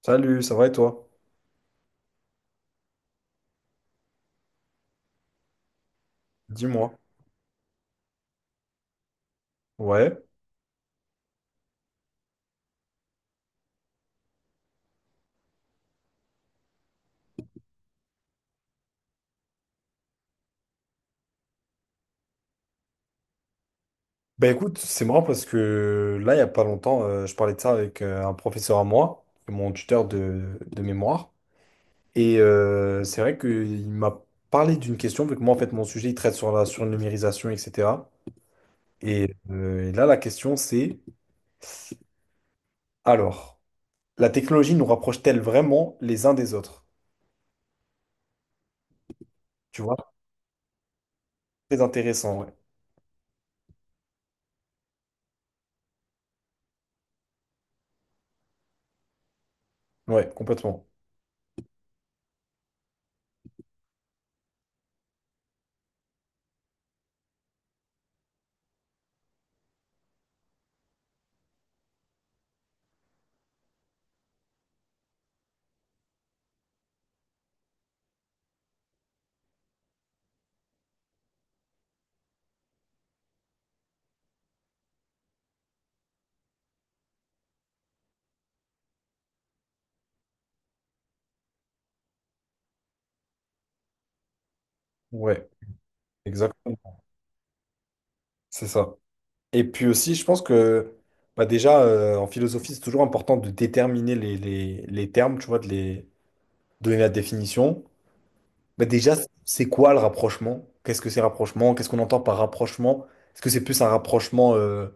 Salut, ça va et toi? Dis-moi. Ouais. Bah écoute, c'est marrant parce que là, il n'y a pas longtemps, je parlais de ça avec un professeur à moi, mon tuteur de mémoire. Et c'est vrai qu'il m'a parlé d'une question, vu que moi, en fait, mon sujet, il traite sur la surnumérisation, etc. Et là, la question, c'est, alors, la technologie nous rapproche-t-elle vraiment les uns des autres? Tu vois? Très intéressant, ouais. Ouais, complètement. Ouais, exactement. C'est ça. Et puis aussi, je pense que bah déjà, en philosophie, c'est toujours important de déterminer les termes, tu vois, de les donner la définition. Bah déjà, c'est quoi le rapprochement? Qu'est-ce que c'est rapprochement? Qu'est-ce qu'on entend par rapprochement? Est-ce que c'est plus un rapprochement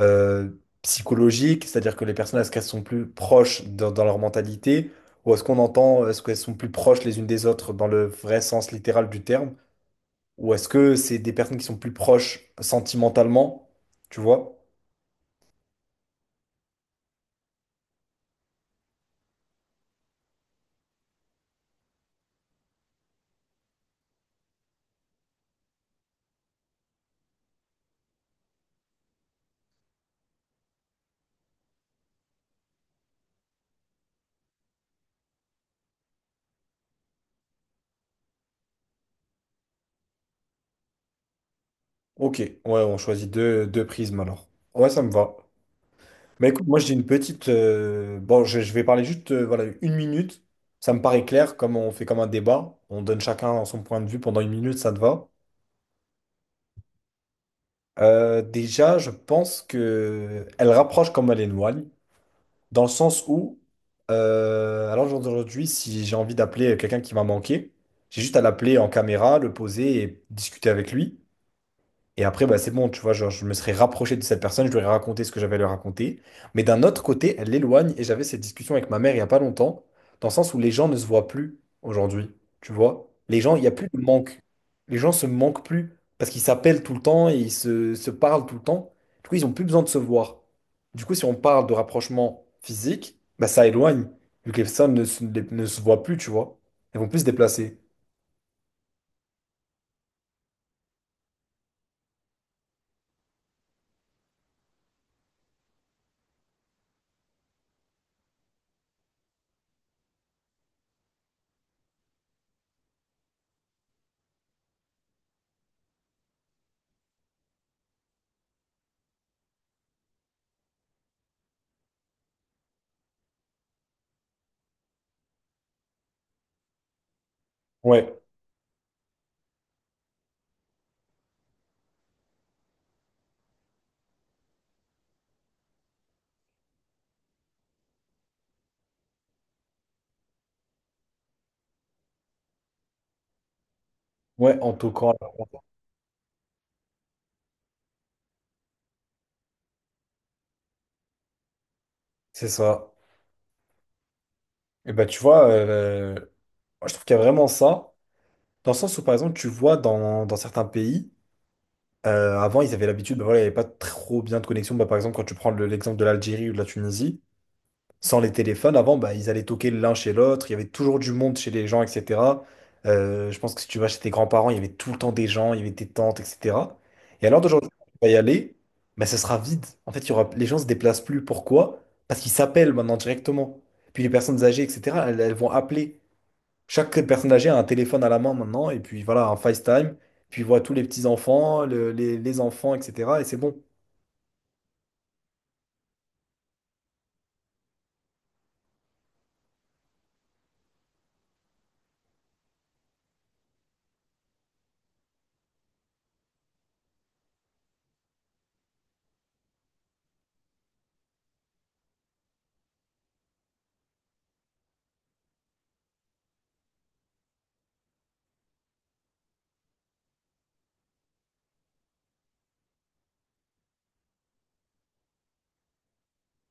euh, psychologique, c'est-à-dire que les personnes, est-ce qu'elles sont plus proches dans leur mentalité? Ou est-ce qu'on entend, est-ce qu'elles sont plus proches les unes des autres dans le vrai sens littéral du terme? Ou est-ce que c'est des personnes qui sont plus proches sentimentalement, tu vois? Ok, ouais, on choisit deux prismes alors. Ouais, ça me va. Mais écoute, moi j'ai une petite. Bon, je vais parler juste voilà, une minute. Ça me paraît clair, comme on fait comme un débat. On donne chacun son point de vue pendant une minute, ça te va. Déjà, je pense que elle rapproche comme elle éloigne, dans le sens où, à l'heure d'aujourd'hui, si j'ai envie d'appeler quelqu'un qui m'a manqué, j'ai juste à l'appeler en caméra, le poser et discuter avec lui. Et après, bah, c'est bon, tu vois, genre, je me serais rapproché de cette personne, je lui aurais raconté ce que j'avais à lui raconter. Mais d'un autre côté, elle l'éloigne et j'avais cette discussion avec ma mère il n'y a pas longtemps, dans le sens où les gens ne se voient plus aujourd'hui, tu vois. Les gens, il n'y a plus de manque. Les gens se manquent plus parce qu'ils s'appellent tout le temps et ils se parlent tout le temps. Du coup, ils n'ont plus besoin de se voir. Du coup, si on parle de rapprochement physique, bah, ça éloigne, vu que les personnes ne se voient plus, tu vois. Elles vont plus se déplacer. Ouais, ouais, en toquant. À C'est ça. Et ben, tu vois, moi, je trouve qu'il y a vraiment ça, dans le sens où, par exemple, tu vois, dans certains pays, avant, ils avaient l'habitude, ben voilà, il n'y avait pas trop bien de connexion. Ben, par exemple, quand tu prends l'exemple de l'Algérie ou de la Tunisie, sans les téléphones, avant, ben, ils allaient toquer l'un chez l'autre, il y avait toujours du monde chez les gens, etc. Je pense que si tu vas chez tes grands-parents, il y avait tout le temps des gens, il y avait tes tantes, etc. Et alors d'aujourd'hui, quand tu vas y aller, ben, ce sera vide. En fait, il y aura, les gens se déplacent plus. Pourquoi? Parce qu'ils s'appellent maintenant directement. Puis les personnes âgées, etc., elles vont appeler. Chaque personne âgée a un téléphone à la main maintenant, et puis voilà, un FaceTime, puis il voit tous les petits-enfants, les enfants, etc. Et c'est bon.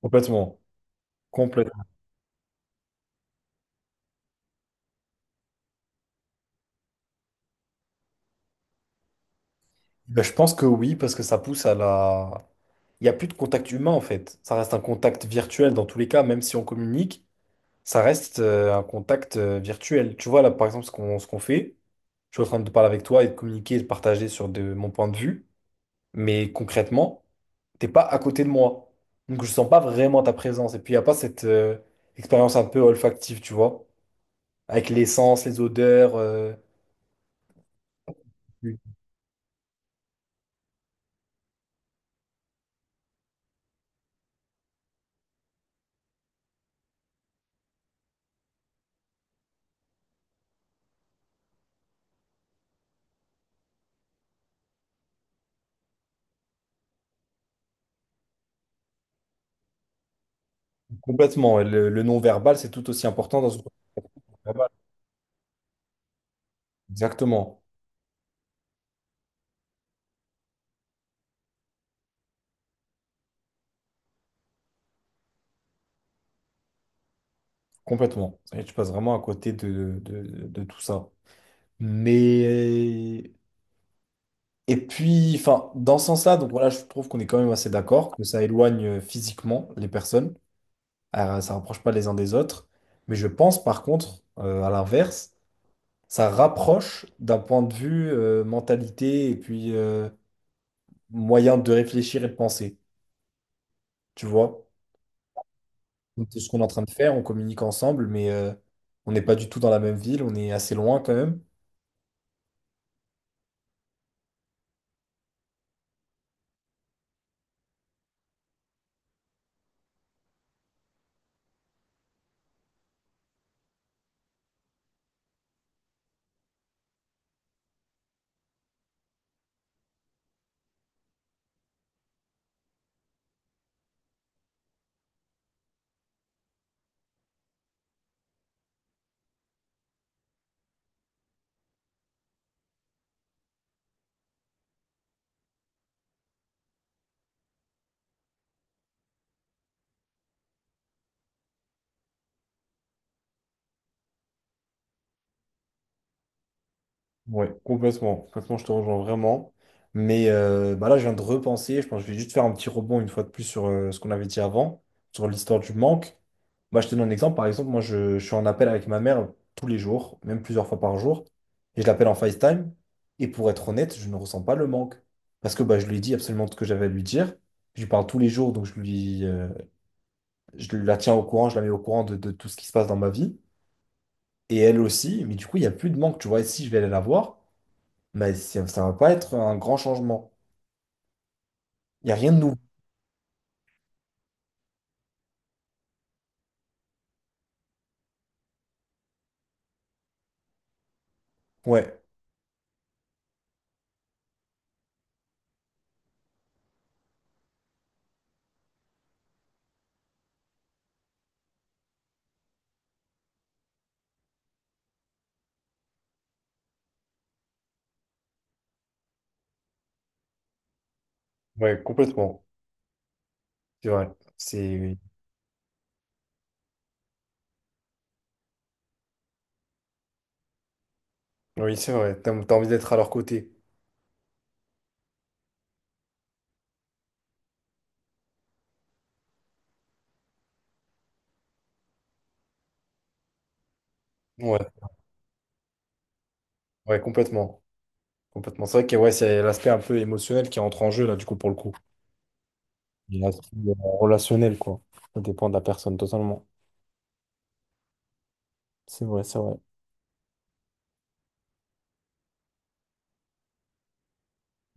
Complètement. Complètement. Ben, je pense que oui, parce que ça pousse à la… Il n'y a plus de contact humain, en fait. Ça reste un contact virtuel dans tous les cas, même si on communique, ça reste un contact virtuel. Tu vois, là, par exemple, ce qu'on fait, je suis en train de parler avec toi et de communiquer et de partager sur de, mon point de vue, mais concrètement, t'es pas à côté de moi. Donc je sens pas vraiment ta présence. Et puis il n'y a pas cette expérience un peu olfactive, tu vois, avec l'essence, les odeurs. Oui. Complètement. Et le non-verbal, c'est tout aussi important dans une relation verbale. Exactement. Complètement. Et tu passes vraiment à côté de tout ça. Mais. Et puis, enfin, dans ce sens-là, donc voilà, je trouve qu'on est quand même assez d'accord que ça éloigne physiquement les personnes. Ça rapproche pas les uns des autres. Mais je pense par contre, à l'inverse, ça rapproche d'un point de vue mentalité et puis moyen de réfléchir et de penser, tu vois. Donc, c'est ce qu'on est en train de faire, on communique ensemble, mais on n'est pas du tout dans la même ville, on est assez loin quand même. Ouais, complètement. Complètement, je te rejoins vraiment. Mais bah là, je viens de repenser. Je pense que je vais juste faire un petit rebond une fois de plus sur ce qu'on avait dit avant, sur l'histoire du manque. Bah, je te donne un exemple. Par exemple, moi, je suis en appel avec ma mère tous les jours, même plusieurs fois par jour. Et je l'appelle en FaceTime. Et pour être honnête, je ne ressens pas le manque. Parce que bah, je lui dis absolument tout ce que j'avais à lui dire. Je lui parle tous les jours, donc je lui, je la tiens au courant, je la mets au courant de tout ce qui se passe dans ma vie. Et elle aussi. Mais du coup, il n'y a plus de manque. Tu vois, et si je vais aller la voir. Bah, ça va pas être un grand changement. Il n'y a rien de nouveau. Ouais. Ouais, complètement. C'est vrai. C'est… Oui, c'est vrai. T'as, t'as envie d'être à leur côté. Ouais, ouais, complètement. Complètement. C'est vrai que ouais, c'est l'aspect un peu émotionnel qui entre en jeu, là, du coup, pour le coup. Et l'aspect relationnel, quoi. Ça dépend de la personne totalement. C'est vrai, c'est vrai.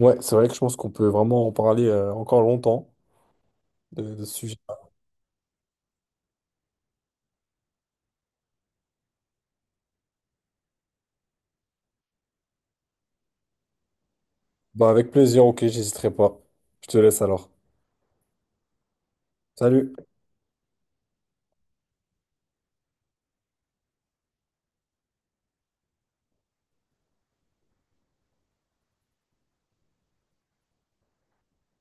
Ouais, c'est vrai que je pense qu'on peut vraiment en parler encore longtemps de ce sujet. Bah, avec plaisir, ok, j'hésiterai pas. Je te laisse alors. Salut.